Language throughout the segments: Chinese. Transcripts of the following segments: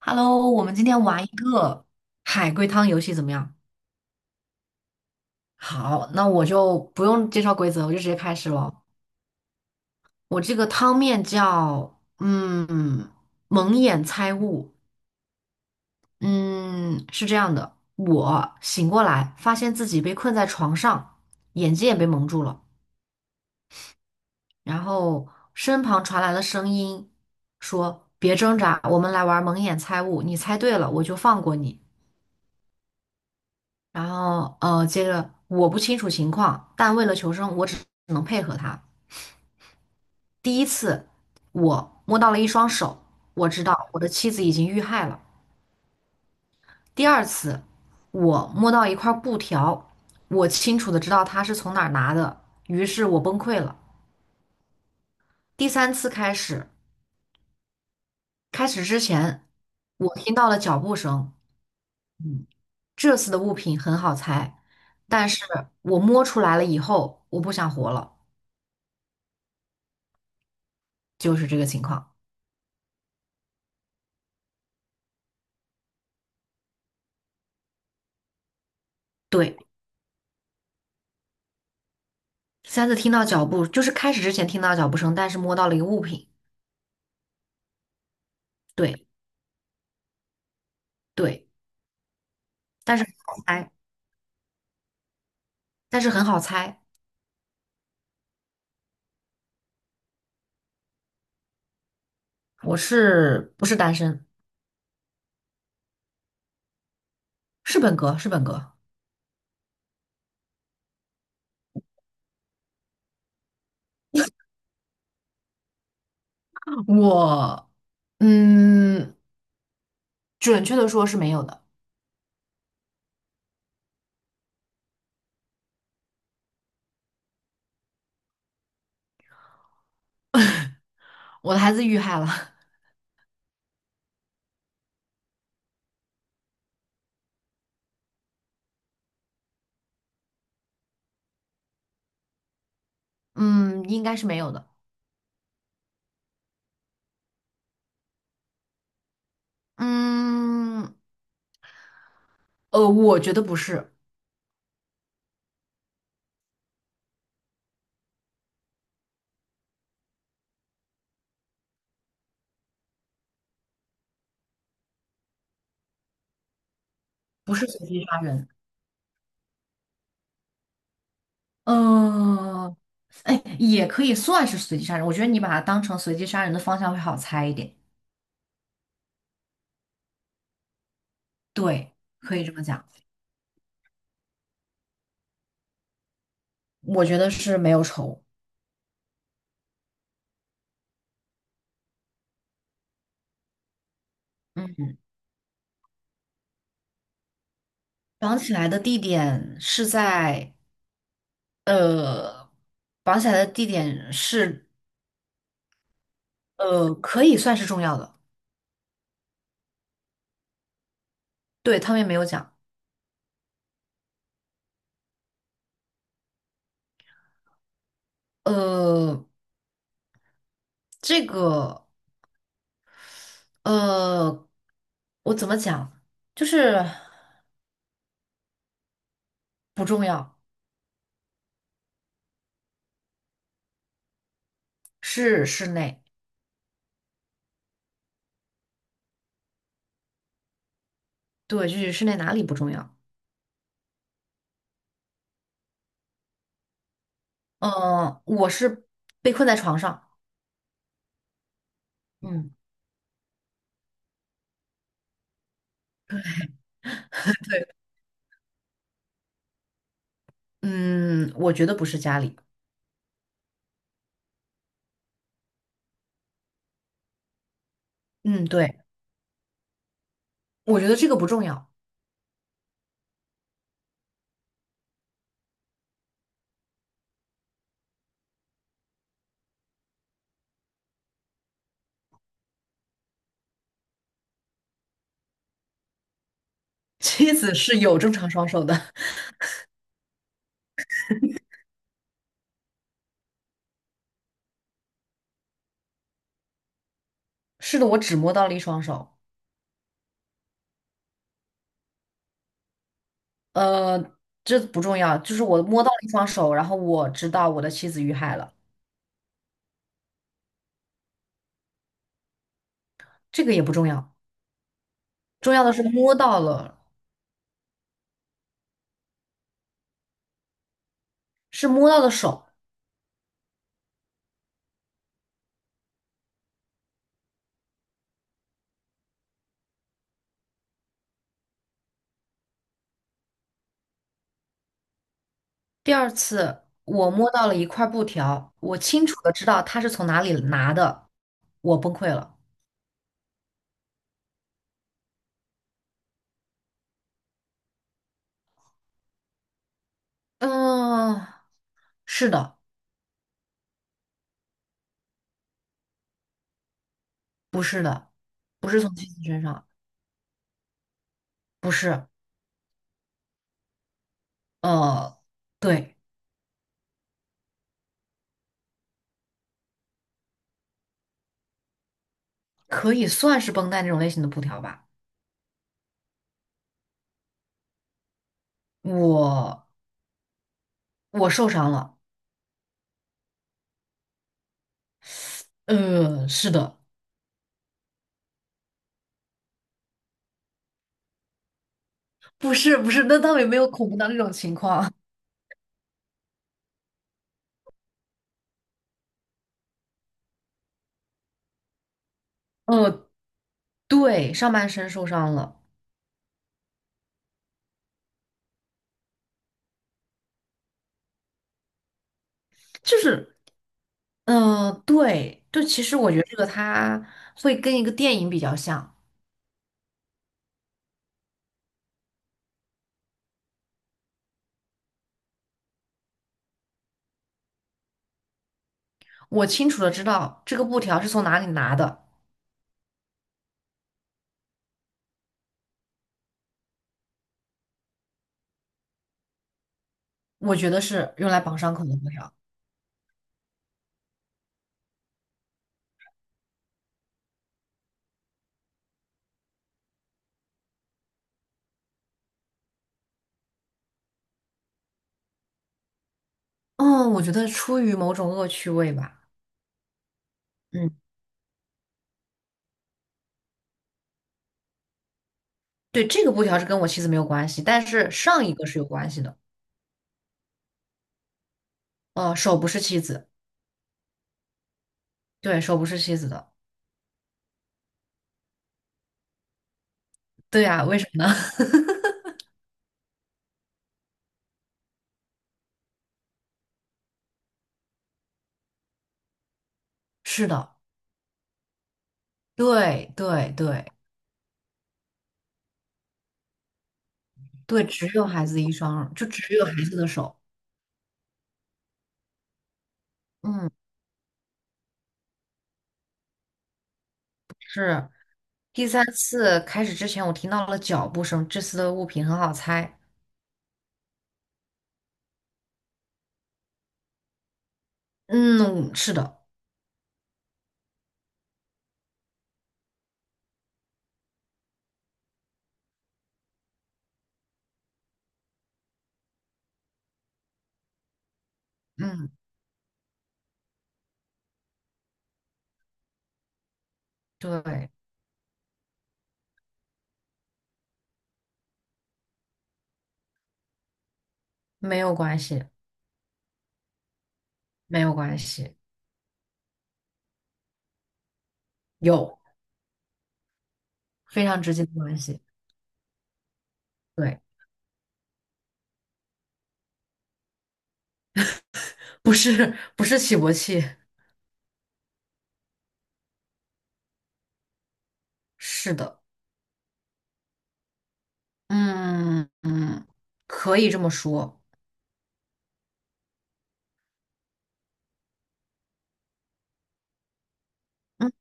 Hello，我们今天玩一个海龟汤游戏怎么样？好，那我就不用介绍规则，我就直接开始了。我这个汤面叫蒙眼猜物。嗯，是这样的，我醒过来发现自己被困在床上，眼睛也被蒙住了，然后身旁传来了声音说别挣扎，我们来玩蒙眼猜物，你猜对了我就放过你。然后接着我不清楚情况，但为了求生，我只能配合他。第一次我摸到了一双手，我知道我的妻子已经遇害了。第二次我摸到一块布条，我清楚的知道他是从哪儿拿的，于是我崩溃了。第三次开始，开始之前我听到了脚步声，嗯，这次的物品很好猜，但是我摸出来了以后，我不想活了，就是这个情况。对。三次听到脚步，就是开始之前听到脚步声，但是摸到了一个物品。对对，但是很好猜，但是很好猜。我是不是单身？是本格，是本格。我嗯，准确的说是没有的。我的孩子遇害了。嗯，应该是没有的。嗯，我觉得不是，不是随机杀人。嗯，哎，也可以算是随机杀人。我觉得你把它当成随机杀人的方向会好猜一点。对，可以这么讲。我觉得是没有仇。嗯，绑起来的地点是在呃，绑起来的地点是可以算是重要的。对，他们也没有讲。呃，这个呃，我怎么讲？就是不重要，是室内。对，就是室内哪里不重要？我是被困在床上。嗯嗯，我觉得不是家里。嗯，对，我觉得这个不重要。妻子是有正常双手的。是的，我只摸到了一双手。呃，这不重要，就是我摸到了一双手，然后我知道我的妻子遇害了，这个也不重要。重要的是摸到了，是摸到的手。第二次，我摸到了一块布条，我清楚的知道他是从哪里拿的，我崩溃了。嗯，是的，不是的，不是从妻子身上，不是，呃，对，可以算是绷带那种类型的布条吧。我我受伤了，是的，不是不是，那倒也没有恐怖到那种情况。呃，对，上半身受伤了，就是，对，就其实我觉得这个它会跟一个电影比较像。我清楚的知道这个布条是从哪里拿的，我觉得是用来绑伤口的布条。嗯，我觉得出于某种恶趣味吧。嗯，对，这个布条是跟我妻子没有关系，但是上一个是有关系的。手不是妻子，对，手不是妻子的，对呀，为什么呢？是的。对对对对，只有孩子的一双耳就只有孩子的手。嗯，是。第三次开始之前，我听到了脚步声，这次的物品很好猜。嗯，是的。嗯，对，没有关系，没有关系，有非常直接的关系。对，不是不是起搏器，是的。嗯嗯，可以这么说。嗯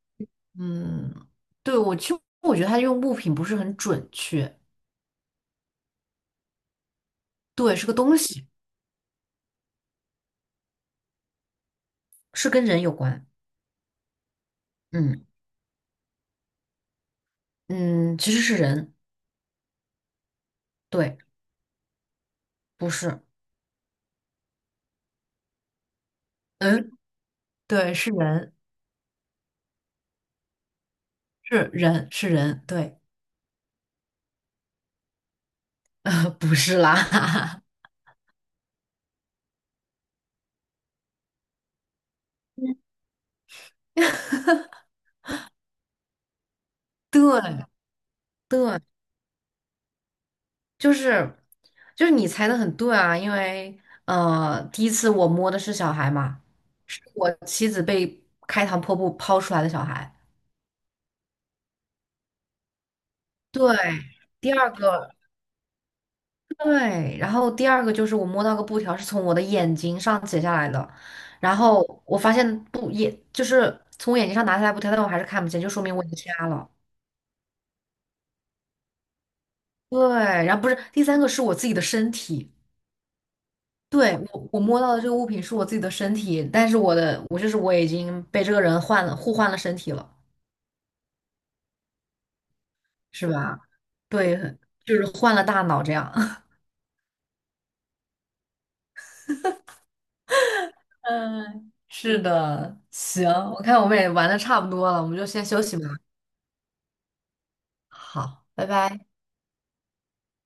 嗯，对，我其实觉得他用物品不是很准确。对，是个东西。是跟人有关。嗯嗯，其实是人，对，不是，嗯，对，是人，是人，是人，对。不是啦。对对，就是就是你猜的很对啊，因为第一次我摸的是小孩嘛，是我妻子被开膛破肚抛出来的小孩。对，第二个。对，然后第二个就是我摸到个布条是从我的眼睛上剪下来的，然后我发现布也就是从我眼睛上拿下来布条，但我还是看不见，就说明我已经瞎了。对，然后不是第三个是我自己的身体，对，我摸到的这个物品是我自己的身体，但是我的我就是我已经被这个人换了互换了身体了，是吧？对，就是换了大脑这样。嗯，是的，行，我看我们也玩的差不多了，我们就先休息吧。好，拜拜。